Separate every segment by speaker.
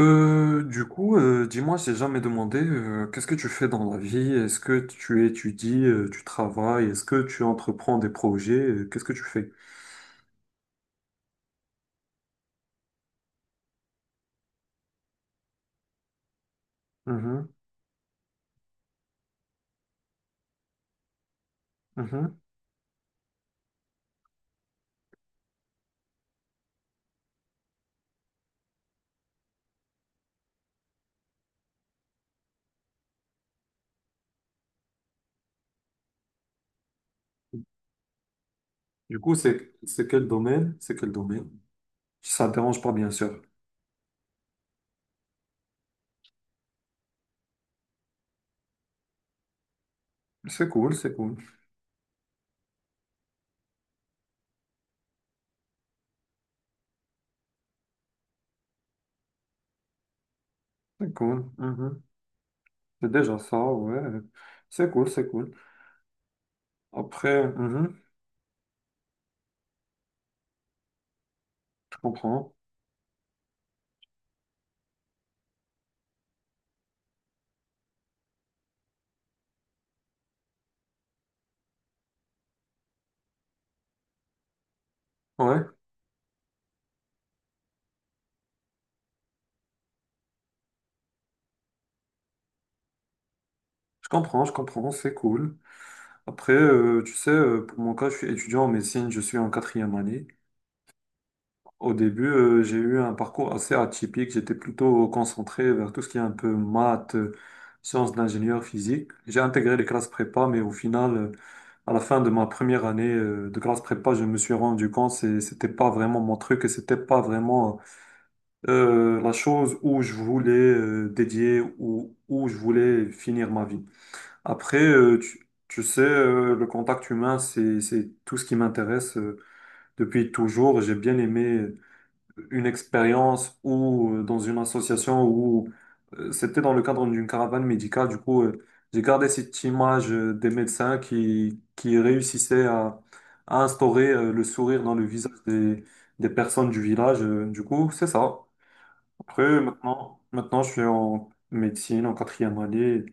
Speaker 1: Dis-moi, j'ai jamais demandé, qu'est-ce que tu fais dans la vie? Est-ce que tu étudies, tu travailles? Est-ce que tu entreprends des projets? Qu'est-ce que tu fais? Mhm, mhm. Du coup, c'est quel domaine? C'est quel domaine? Si ça te dérange pas, bien sûr. C'est cool, c'est cool, c'est cool. Mhm. C'est déjà ça, ouais. C'est cool, c'est cool. Après, mhm, je comprends. Ouais, je comprends, c'est cool. Après, tu sais, pour mon cas, je suis étudiant en médecine, je suis en 4e année. Au début, j'ai eu un parcours assez atypique. J'étais plutôt concentré vers tout ce qui est un peu maths, sciences d'ingénieur physique. J'ai intégré les classes prépa, mais au final, à la fin de ma 1re année de classe prépa, je me suis rendu compte que c'était pas vraiment mon truc et c'était pas vraiment la chose où je voulais dédier ou où je voulais finir ma vie. Après, tu sais, le contact humain, c'est tout ce qui m'intéresse depuis toujours. J'ai bien aimé une expérience ou dans une association où c'était dans le cadre d'une caravane médicale. Du coup, j'ai gardé cette image des médecins qui réussissaient à instaurer le sourire dans le visage des personnes du village. Du coup, c'est ça. Après, maintenant, je suis en médecine, en 4e année.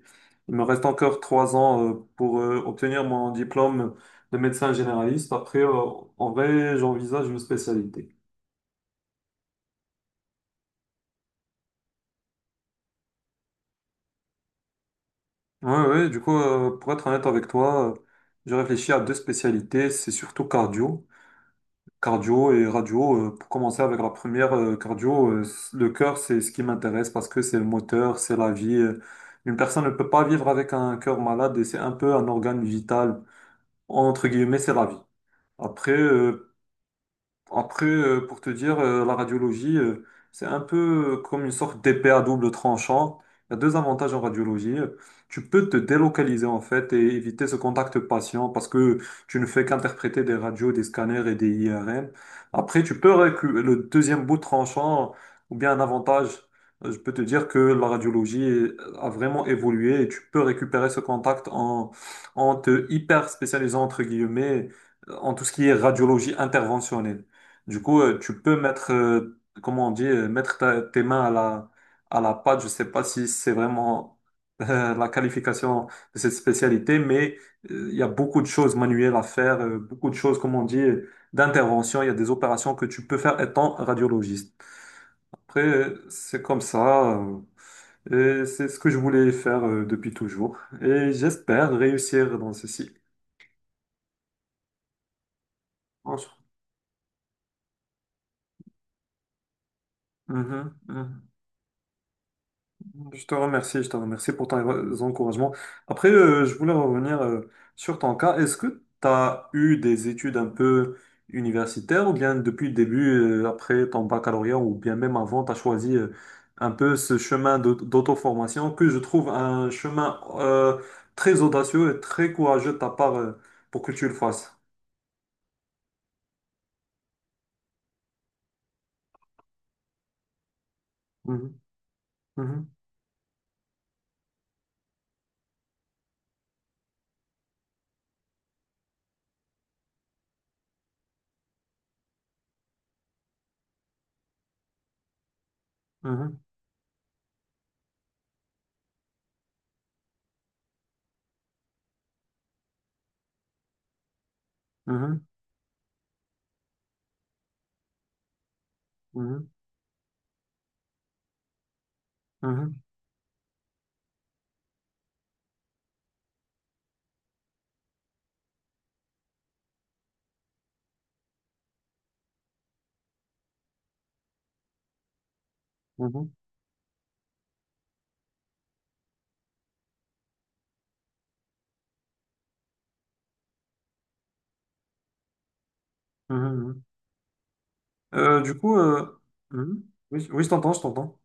Speaker 1: Il me reste encore 3 ans pour obtenir mon diplôme de médecin généraliste. Après, en vrai, j'envisage une spécialité. Ouais, ouais, du coup, pour être honnête avec toi, j'ai réfléchi à 2 spécialités, c'est surtout cardio et radio. Euh, pour commencer avec la première, le cœur, c'est ce qui m'intéresse parce que c'est le moteur, c'est la vie. Une personne ne peut pas vivre avec un cœur malade et c'est un peu un organe vital. Entre guillemets, c'est la vie. Après, euh, après, pour te dire, la radiologie, c'est un peu comme une sorte d'épée à double tranchant. Il y a 2 avantages en radiologie. Tu peux te délocaliser en fait et éviter ce contact patient parce que tu ne fais qu'interpréter des radios, des scanners et des IRM. Après, le deuxième bout tranchant ou bien un avantage. Je peux te dire que a vraiment évolué et tu peux récupérer ce contact en te hyper spécialisant entre guillemets en tout ce qui est radiologie interventionnelle. Du coup, tu peux mettre, comment on dit, tes mains à à la pâte. Je sais pas si c'est vraiment la qualification de cette spécialité, mais il y a beaucoup de choses manuelles à faire, beaucoup de choses, comme on dit, d'intervention. Il y a des opérations que tu peux faire étant radiologiste. Après, c'est comme ça. Et c'est ce que je voulais faire depuis toujours. Et j'espère réussir dans ceci. Bonsoir. Mhm, mhm. Je te remercie pour tes encouragements. Après, je voulais revenir sur ton cas. Est-ce que tu as eu des études un peu universitaires ou bien depuis le début, après ton baccalauréat ou bien même avant, tu as choisi un peu ce chemin d'auto-formation que je trouve un chemin très audacieux et très courageux de ta part pour que tu le fasses? Mhm, mhm, mhm, mhm, mhm, mhm, mhm, mhm, mhm. Euh, du coup, euh, mhm. Oui, oui, je t'entends, je t'entends.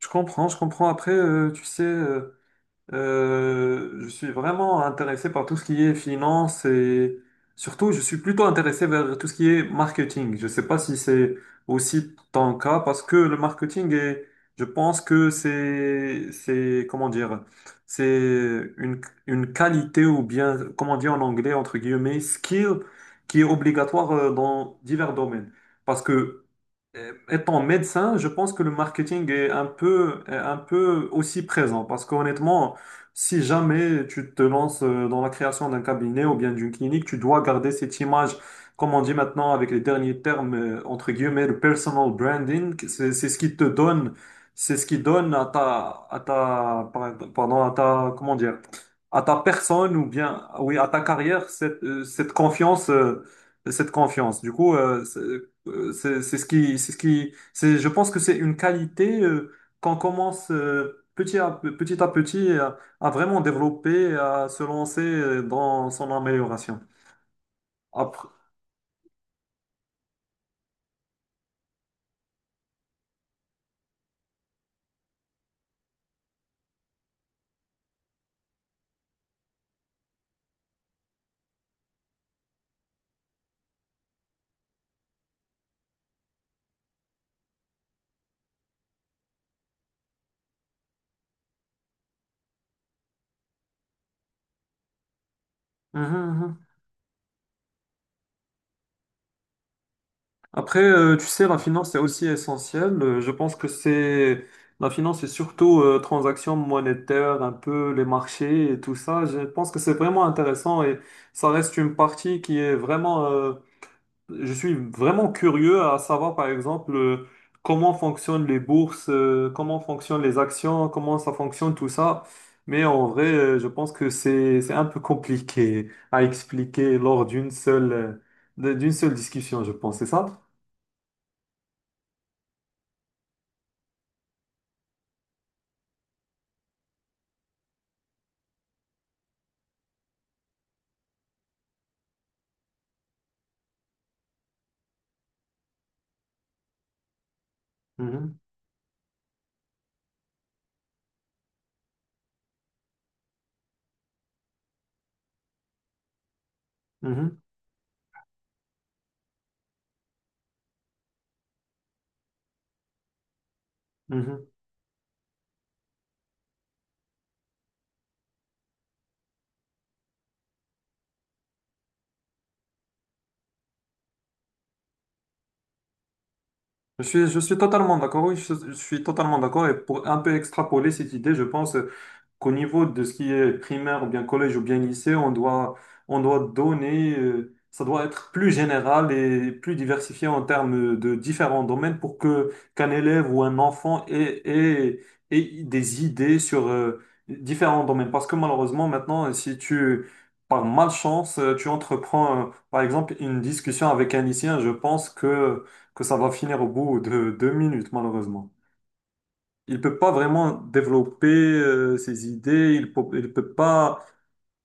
Speaker 1: Je comprends, je comprends. Après, je suis vraiment intéressé par tout ce qui est finance et surtout, je suis plutôt intéressé vers tout ce qui est marketing. Je ne sais pas si c'est aussi ton cas parce que le marketing est, je pense que c'est, comment dire, c'est une qualité ou bien, comment dire en anglais, entre guillemets, skill qui est obligatoire dans divers domaines. Parce que Étant médecin, je pense que le marketing est un peu aussi présent parce qu'honnêtement, si jamais tu te lances dans la création d'un cabinet ou bien d'une clinique, tu dois garder cette image, comme on dit maintenant avec les derniers termes, entre guillemets, le personal branding, c'est ce qui te donne, c'est ce qui donne à ta, pardon, à ta, comment dire, à ta personne ou bien, oui, à ta carrière, cette confiance, cette confiance. Du coup, c'est ce qui, c'est, je pense que c'est une qualité qu'on commence petit à petit à petit vraiment développer, à se lancer dans son amélioration. Après, mhm, mhm. Après tu sais, la finance est aussi essentielle. Je pense que c'est la finance, c'est surtout transactions monétaires, un peu les marchés et tout ça. Je pense que c'est vraiment intéressant et ça reste une partie qui est vraiment. Je suis vraiment curieux à savoir, par exemple, comment fonctionnent les bourses, comment fonctionnent les actions, comment ça fonctionne tout ça. Mais en vrai, je pense que c'est un peu compliqué à expliquer lors d'une seule discussion, je pense. C'est ça? Mhm, mhm, mhm. Je suis totalement d'accord, oui, je suis totalement d'accord. Et pour un peu extrapoler cette idée, je pense qu'au niveau de ce qui est primaire, ou bien collège, ou bien lycée, on doit donner, ça doit être plus général et plus diversifié en termes de différents domaines pour que qu'un élève ou un enfant ait des idées sur différents domaines. Parce que malheureusement, maintenant, si tu, par malchance, tu entreprends, par exemple, une discussion avec un lycéen, je pense que ça va finir au bout de 2 minutes, malheureusement. Il peut pas vraiment développer ses idées, il peut pas,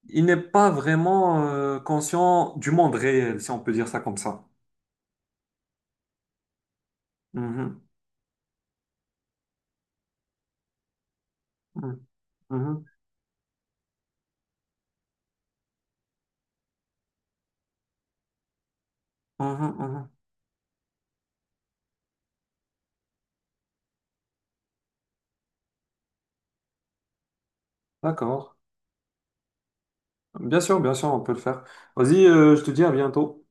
Speaker 1: il n'est pas vraiment conscient du monde réel, si on peut dire ça comme ça. Mhm, mhm, mhm, mhm, mhm. D'accord. Bien sûr, on peut le faire. Vas-y, je te dis à bientôt.